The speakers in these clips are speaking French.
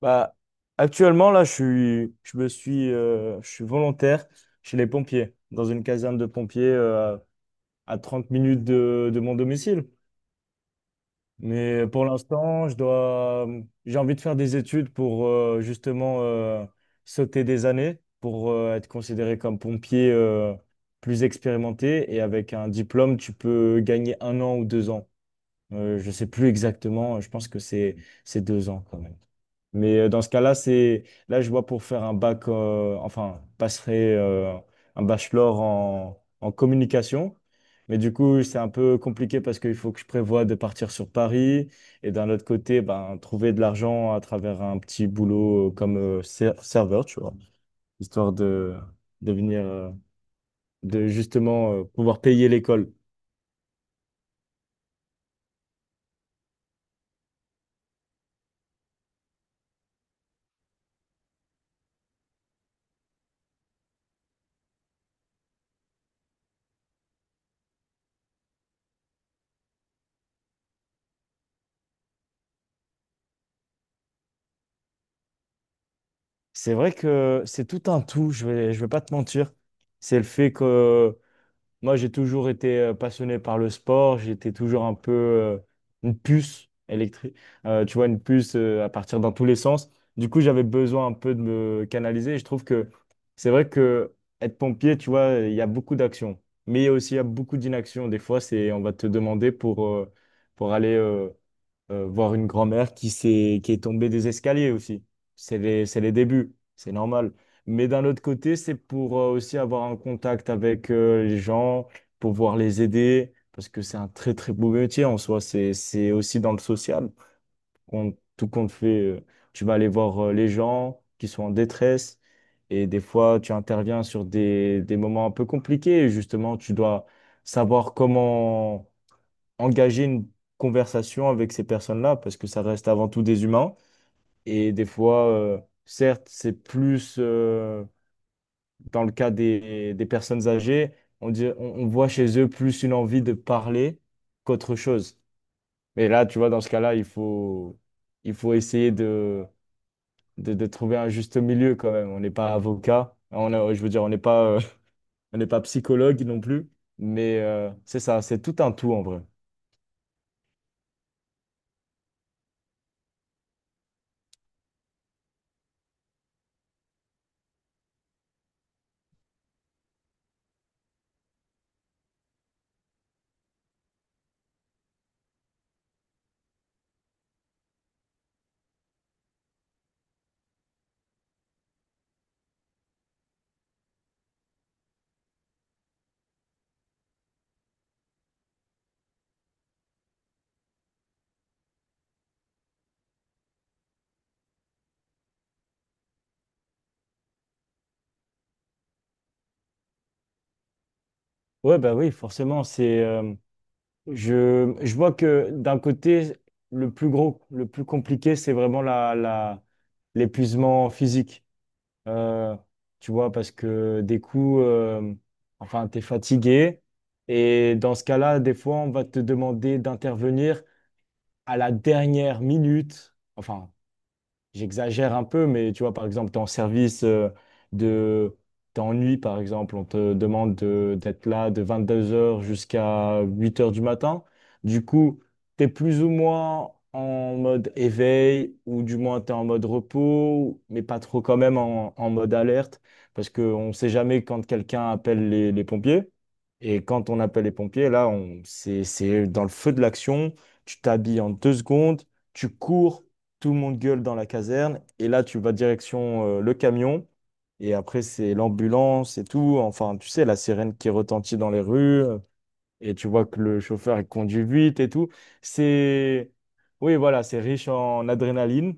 Bah, actuellement, là, je suis, je me suis, je suis volontaire chez les pompiers, dans une caserne de pompiers à 30 minutes de mon domicile. Mais pour l'instant, j'ai envie de faire des études pour justement sauter des années, pour être considéré comme pompier plus expérimenté. Et avec un diplôme, tu peux gagner un an ou 2 ans. Je sais plus exactement, je pense que c'est 2 ans quand même. Mais dans ce cas-là, c'est là je vois pour faire un bac, enfin passerai un bachelor en communication. Mais du coup, c'est un peu compliqué parce qu'il faut que je prévoie de partir sur Paris et d'un autre côté, ben, trouver de l'argent à travers un petit boulot comme serveur, tu vois, histoire de de venir, de justement pouvoir payer l'école. C'est vrai que c'est tout un tout, je vais pas te mentir. C'est le fait que moi, j'ai toujours été passionné par le sport, j'étais toujours un peu une puce électrique, tu vois, une puce à partir dans tous les sens. Du coup, j'avais besoin un peu de me canaliser et je trouve que c'est vrai que être pompier, tu vois, il y a beaucoup d'actions, mais il y a beaucoup d'inaction. Des fois, c'est on va te demander pour aller voir une grand-mère qui est tombée des escaliers aussi. C'est les débuts, c'est normal. Mais d'un autre côté, c'est pour aussi avoir un contact avec les gens, pouvoir les aider, parce que c'est un très très beau métier en soi. C'est aussi dans le social. Qu'on- tout compte fait, euh, tu vas aller voir les gens qui sont en détresse. Et des fois, tu interviens sur des moments un peu compliqués. Justement, tu dois savoir comment engager une conversation avec ces personnes-là parce que ça reste avant tout des humains. Et des fois, certes, c'est plus dans le cas des personnes âgées, on voit chez eux plus une envie de parler qu'autre chose. Mais là, tu vois, dans ce cas-là, il faut essayer de trouver un juste milieu quand même. On n'est pas avocat, je veux dire, on n'est pas, on n'est pas psychologue non plus. Mais c'est ça, c'est tout un tout en vrai. Ouais, bah oui, forcément, c'est je vois que d'un côté, le plus compliqué, c'est vraiment l'épuisement physique. Euh, tu vois, parce que des coups, enfin, tu es fatigué. Et dans ce cas-là, des fois, on va te demander d'intervenir à la dernière minute. J'exagère un peu, mais tu vois, par exemple, tu es en service de... T'es en nuit, par exemple, on te demande d'être là de 22 heures jusqu'à 8 heures du matin. Du coup, tu es plus ou moins en mode éveil, ou du moins tu es en mode repos, mais pas trop quand même en mode alerte, parce qu'on ne sait jamais quand quelqu'un appelle les pompiers. Et quand on appelle les pompiers, c'est dans le feu de l'action, tu t'habilles en 2 secondes, tu cours tout le monde gueule dans la caserne, et là, tu vas direction le camion, et après, c'est l'ambulance et tout. Enfin, tu sais, la sirène qui retentit dans les rues, et tu vois que le chauffeur, il conduit vite et tout. C'est, oui, voilà, c'est riche en adrénaline,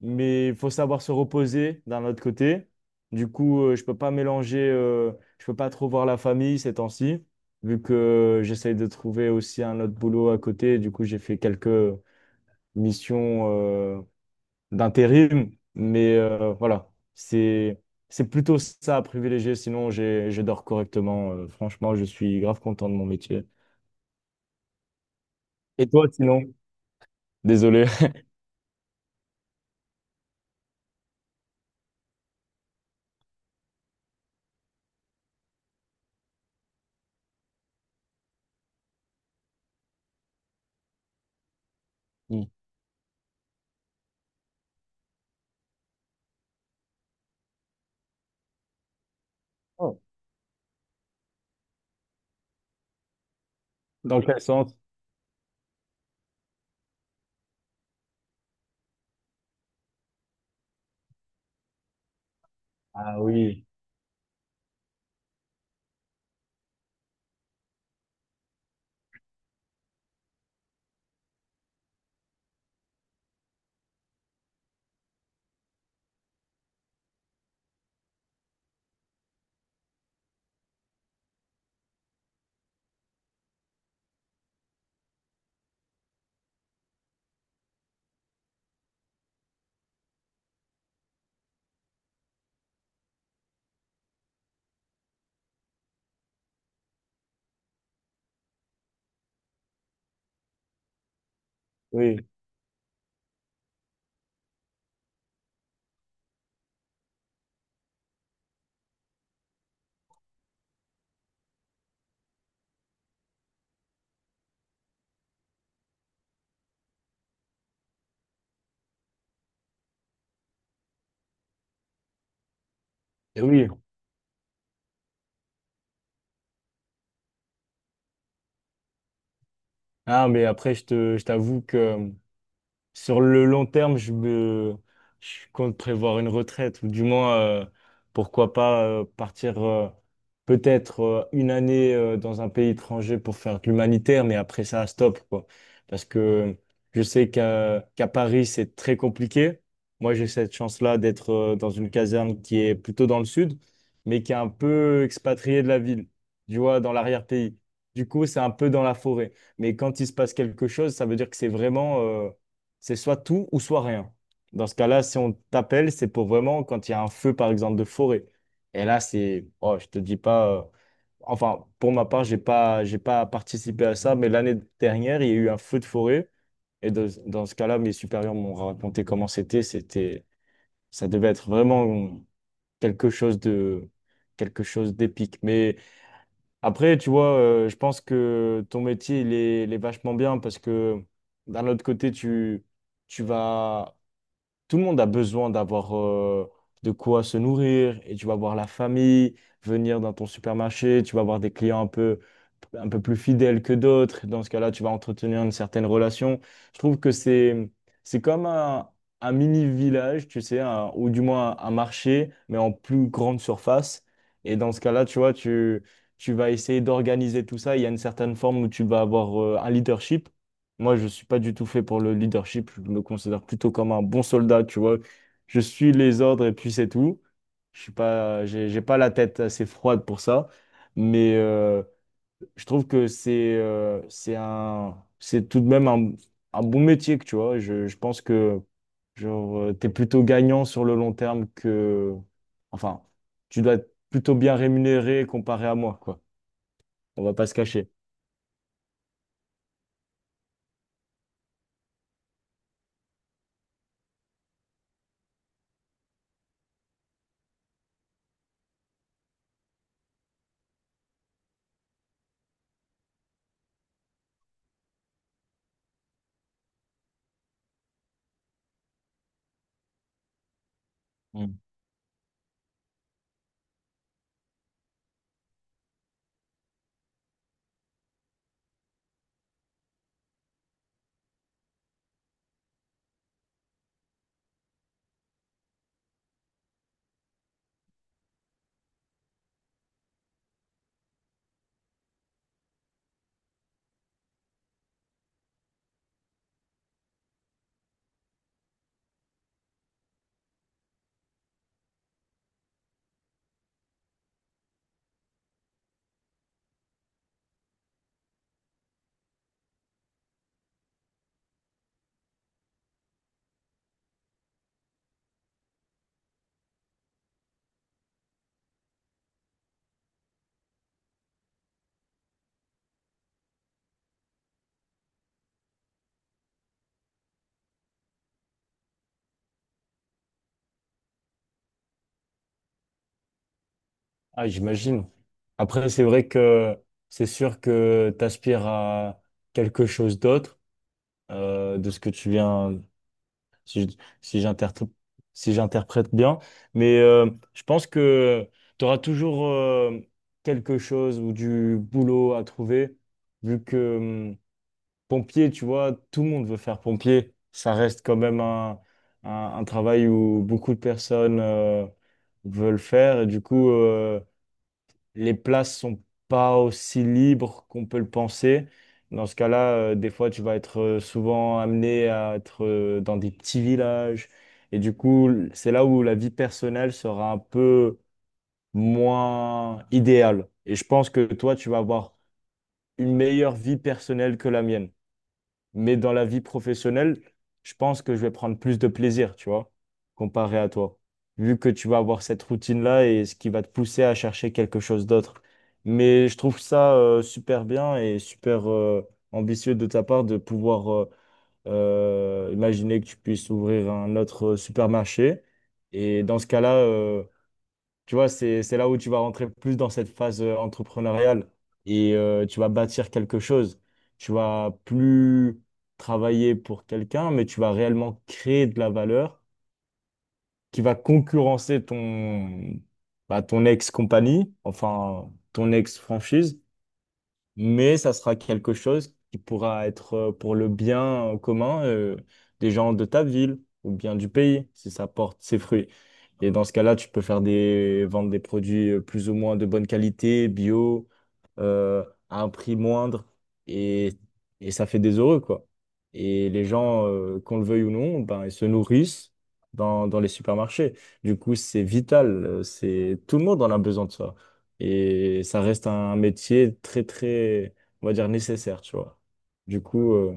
mais il faut savoir se reposer d'un autre côté. Du coup, je peux pas mélanger, je peux pas trop voir la famille ces temps-ci, vu que j'essaye de trouver aussi un autre boulot à côté. Du coup, j'ai fait quelques missions d'intérim. Mais voilà, c'est plutôt ça à privilégier. Sinon, je dors correctement. Franchement, je suis grave content de mon métier. Et toi, sinon? Désolé. Mm. Oh. Dans quel sens? Ah oui, oui, et oui. Ah, mais après, je t'avoue que sur le long terme, je compte prévoir une retraite, ou du moins, pourquoi pas partir peut-être une année dans un pays étranger pour faire de l'humanitaire, mais après ça, stop, quoi. Parce que je sais qu'à Paris, c'est très compliqué. Moi, j'ai cette chance-là d'être dans une caserne qui est plutôt dans le sud, mais qui est un peu expatriée de la ville, tu vois, dans l'arrière-pays. Du coup, c'est un peu dans la forêt. Mais quand il se passe quelque chose, ça veut dire que c'est vraiment c'est soit tout ou soit rien. Dans ce cas-là, si on t'appelle, c'est pour vraiment quand il y a un feu, par exemple, de forêt. Et là, c'est, oh, je te dis pas, enfin, pour ma part, j'ai pas participé à ça, mais l'année dernière, il y a eu un feu de forêt. Dans ce cas-là, mes supérieurs m'ont raconté comment c'était. C'était, ça devait être vraiment quelque chose de, quelque chose d'épique. Mais après, tu vois, je pense que ton métier, il est vachement bien parce que d'un autre côté, tu vas tout le monde a besoin d'avoir de quoi se nourrir et tu vas voir la famille venir dans ton supermarché, tu vas avoir des clients un peu plus fidèles que d'autres. Dans ce cas-là, tu vas entretenir une certaine relation. Je trouve que c'est comme un mini village, tu sais, ou du moins un marché, mais en plus grande surface. Et dans ce cas-là, tu vas essayer d'organiser tout ça. Il y a une certaine forme où tu vas avoir un leadership. Moi, je suis pas du tout fait pour le leadership. Je me considère plutôt comme un bon soldat, tu vois. Je suis les ordres et puis c'est tout. Je suis pas, j'ai pas la tête assez froide pour ça. Mais je trouve que c'est tout de même un bon métier, que tu vois. Je pense que genre t'es plutôt gagnant sur le long terme que, enfin, tu dois être plutôt bien rémunéré comparé à moi, quoi. On va pas se cacher. Ah, j'imagine. Après, c'est vrai que c'est sûr que tu aspires à quelque chose d'autre de ce que tu viens, si, je- si j'interpr- si j'interprète bien. Mais je pense que tu auras toujours quelque chose ou du boulot à trouver, vu que pompier, tu vois, tout le monde veut faire pompier. Ça reste quand même un, un travail où beaucoup de personnes veulent faire. Et du coup, les places sont pas aussi libres qu'on peut le penser. Dans ce cas-là, des fois, tu vas être souvent amené à être dans des petits villages. Et du coup, c'est là où la vie personnelle sera un peu moins idéale. Et je pense que toi, tu vas avoir une meilleure vie personnelle que la mienne. Mais dans la vie professionnelle, je pense que je vais prendre plus de plaisir, tu vois, comparé à toi. Vu que tu vas avoir cette routine-là et ce qui va te pousser à chercher quelque chose d'autre. Mais je trouve ça super bien et super ambitieux de ta part de pouvoir imaginer que tu puisses ouvrir un autre supermarché. Et dans ce cas-là, tu vois, c'est là où tu vas rentrer plus dans cette phase entrepreneuriale et tu vas bâtir quelque chose. Tu vas plus travailler pour quelqu'un, mais tu vas réellement créer de la valeur qui va concurrencer ton ex-compagnie, enfin ton ex-franchise mais ça sera quelque chose qui pourra être pour le bien commun des gens de ta ville ou bien du pays, si ça porte ses fruits. Et dans ce cas-là, tu peux faire vendre des produits plus ou moins de bonne qualité, bio, euh, à un prix moindre, et, et ça fait des heureux, quoi. Et les gens, qu'on le veuille ou non, ben, ils se nourrissent dans les supermarchés. Du coup, c'est vital, tout le monde en a besoin de ça. Et ça reste un métier très, très, on va dire, nécessaire, tu vois. Du coup,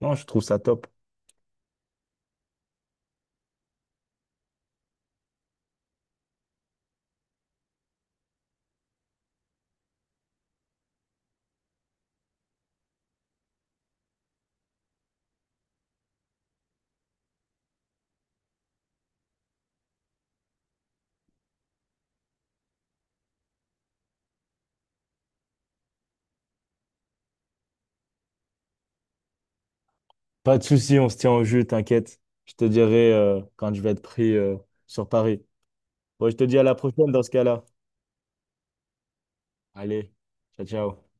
non, je trouve ça top. Pas de souci, on se tient au jus, t'inquiète. Je te dirai quand je vais être pris sur Paris. Bon, je te dis à la prochaine dans ce cas-là. Allez, ciao, ciao.